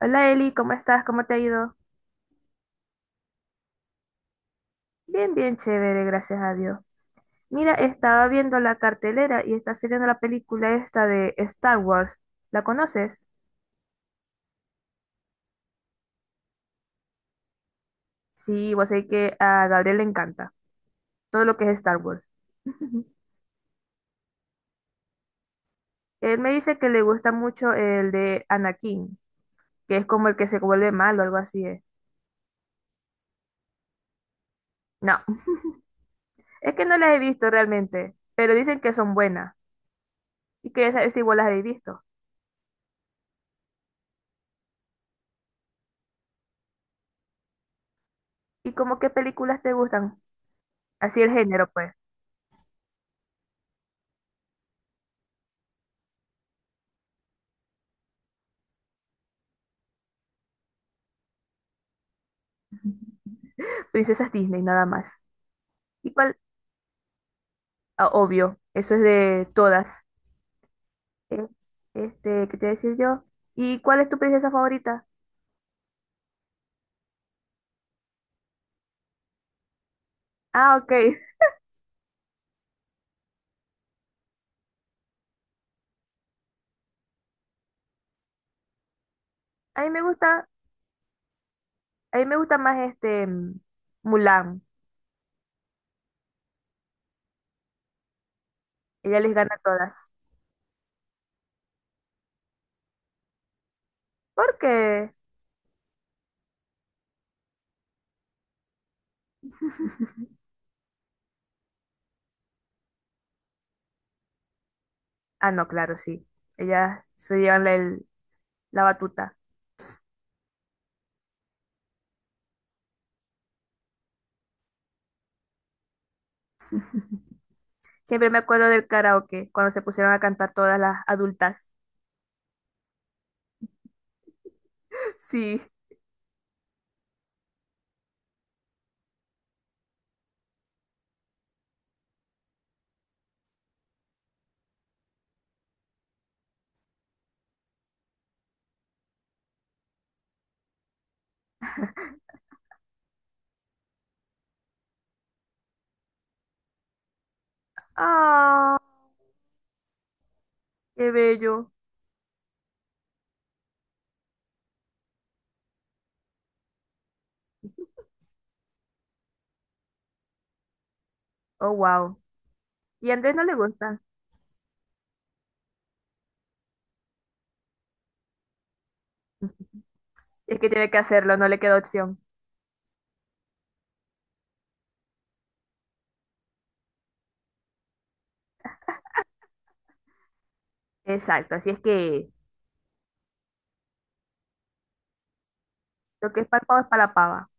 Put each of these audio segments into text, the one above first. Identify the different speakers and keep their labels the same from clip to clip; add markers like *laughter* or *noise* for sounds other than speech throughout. Speaker 1: Hola Eli, ¿cómo estás? ¿Cómo te ha ido? Bien, bien chévere, gracias a Dios. Mira, estaba viendo la cartelera y está saliendo la película esta de Star Wars. ¿La conoces? Sí, vos sabés que a Gabriel le encanta todo lo que es Star Wars. *laughs* Él me dice que le gusta mucho el de Anakin, que es como el que se vuelve malo, algo así es. No, es que no las he visto realmente, pero dicen que son buenas y que esas igual las he visto. ¿Y como qué películas te gustan? Así el género, pues. *laughs* Princesas Disney, nada más. ¿Y cuál? Ah, obvio, eso es de todas. Eh, ¿Qué te voy a decir yo? ¿Y cuál es tu princesa favorita? Ah, ok. *laughs* A mí me gusta, a mí me gusta más Mulan. Ella les gana a todas. ¿Por qué? *laughs* Ah, no, claro, sí. Ellas se llevan la batuta. Siempre me acuerdo del karaoke, cuando se pusieron a cantar todas las adultas. *laughs* Sí. Ah, qué bello. Oh, wow. ¿Y a Andrés no le gusta? Es que tiene que hacerlo, no le queda opción. Exacto, así es que lo que es para el pavo es para la pava.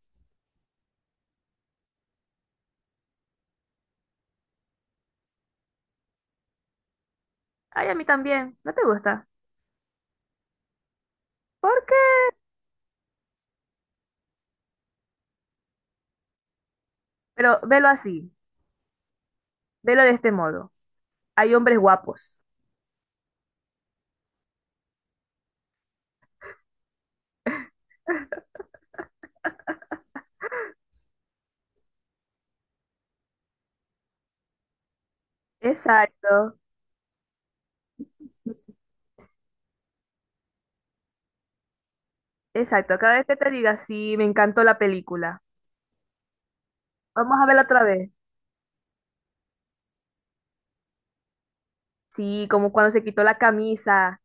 Speaker 1: Ay, a mí también, no te gusta. ¿Por qué? Pero velo así, velo de este modo. Hay hombres guapos. Exacto, exacto. Cada vez que te diga, sí, me encantó la película. Vamos a verla otra vez. Sí, como cuando se quitó la camisa.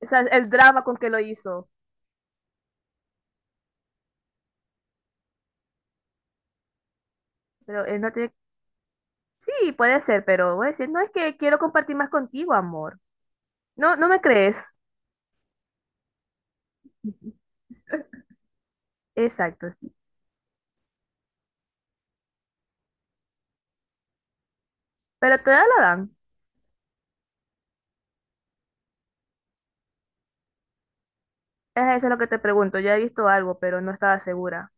Speaker 1: O sea, el drama con que lo hizo. Pero él no tiene... Sí, puede ser, pero voy a decir, no, es que quiero compartir más contigo, amor. No, no me crees. *laughs* Exacto, sí. Pero todavía la dan. Es eso lo que te pregunto. Ya he visto algo, pero no estaba segura.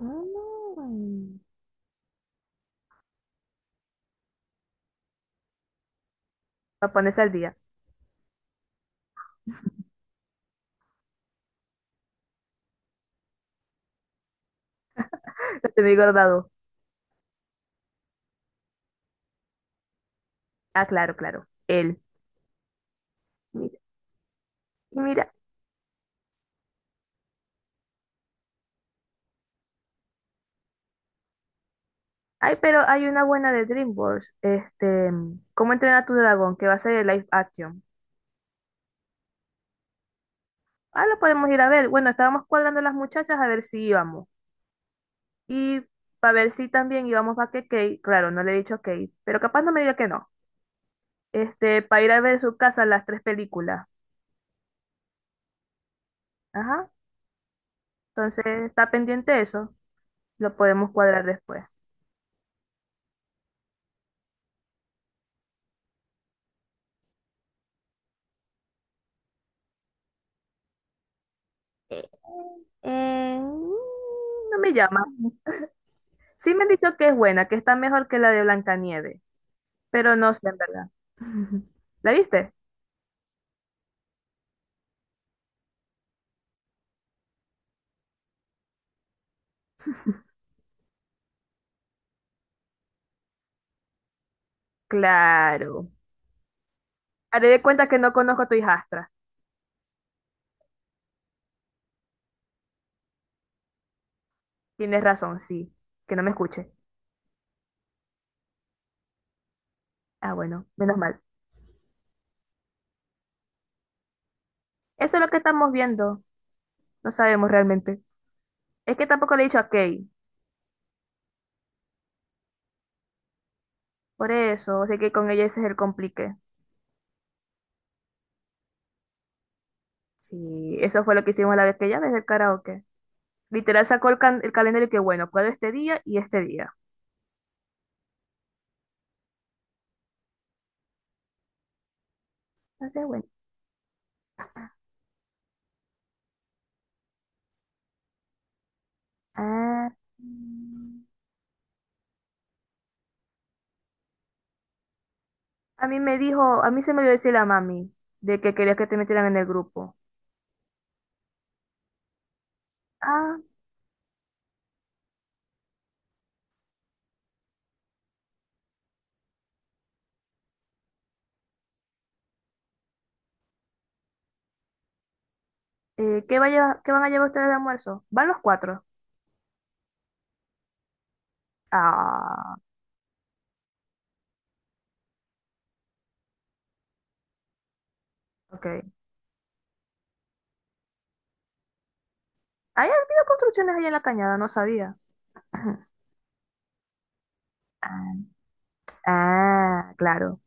Speaker 1: Mm. Para ponerse al día. *laughs* Lo tenía guardado. Ah, claro, claro. Él. Mira, y mira. Ay, pero hay una buena de DreamWorks. Este, ¿cómo entrenar a tu dragón? Que va a ser el live action. Ah, lo podemos ir a ver. Bueno, estábamos cuadrando las muchachas a ver si íbamos. Y para ver si también íbamos a que Kate. Claro, no le he dicho a Kate. Pero capaz no me diga que no. Este, para ir a ver su casa las tres películas. Ajá. Entonces, está pendiente eso. Lo podemos cuadrar después. Eh, no me llama. Sí me han dicho que es buena, que está mejor que la de Blancanieves, pero no sé en verdad. *laughs* ¿La viste? Claro. Haré de cuenta que no conozco a tu hijastra. Tienes razón, sí. Que no me escuche. Ah, bueno, menos mal. Eso es lo que estamos viendo. No sabemos realmente. Es que tampoco le he dicho a Kay. Por eso, sé que con ella ese es el complique. Sí, eso fue lo que hicimos la vez que ella desde el karaoke. Literal sacó el calendario y que bueno, puedo este día y este día. No sé, bueno. Ah, mm. A mí me dijo, a mí se me dio decir la mami de que quería que te metieran en el grupo. Ah, ¿qué va a qué van a llevar ustedes de almuerzo? Van los cuatro. Ah, ok. Hay habido construcciones allá en la cañada, no sabía. *laughs* *clears throat* Ah, ah, claro.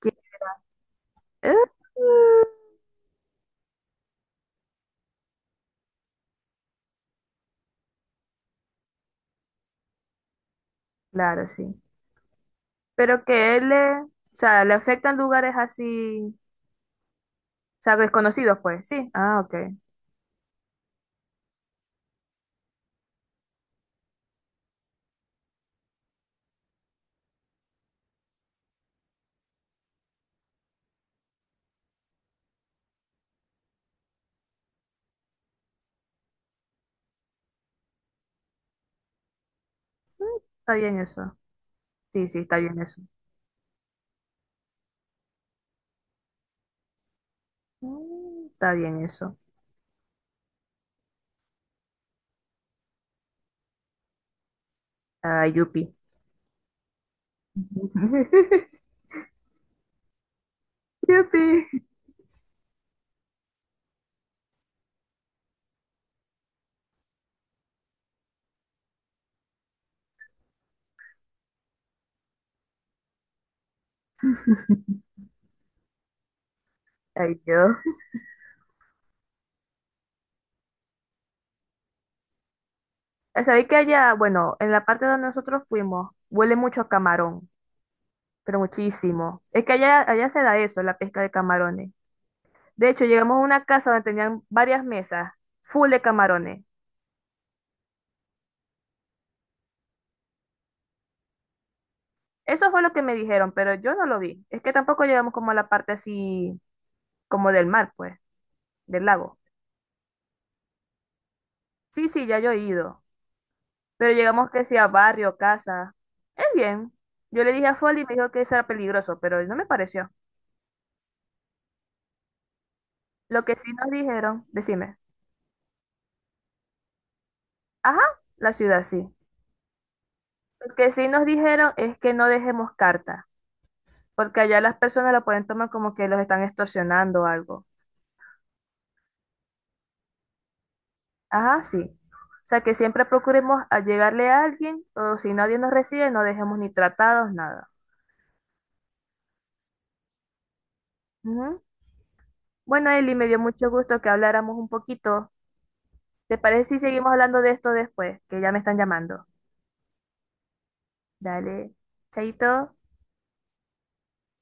Speaker 1: Que- eh, eh, *laughs* Claro, sí. Pero que él le, o sea, le afectan lugares así, o sea, desconocidos, pues, sí. Ah, ok. Mm, está bien eso. Sí, sí, está bien eso. Mm, está bien eso. Ah, yupi. *laughs* Yupi. Ay, yo. Sabéis que allá, bueno, en la parte donde nosotros fuimos, huele mucho a camarón, pero muchísimo. Es que allá se da eso, la pesca de camarones. De hecho, llegamos a una casa donde tenían varias mesas, full de camarones. Eso fue lo que me dijeron, pero yo no lo vi. Es que tampoco llegamos como a la parte así, como del mar, pues, del lago. Sí, sí, ya yo he ido. Pero llegamos que sea barrio, casa. Es bien. Yo le dije a Folly y me dijo que eso era peligroso, pero no me pareció. Lo que sí nos dijeron, decime, ajá, la ciudad sí. Lo que sí nos dijeron es que no dejemos carta, porque allá las personas lo pueden tomar como que los están extorsionando o algo. Ajá, sí. O sea que siempre procuremos a llegarle a alguien, o si nadie nos recibe, no dejemos ni tratados, nada. Ujú. Bueno, Eli, me dio mucho gusto que habláramos un poquito. ¿Te parece si seguimos hablando de esto después? Que ya me están llamando. Dale, chaito.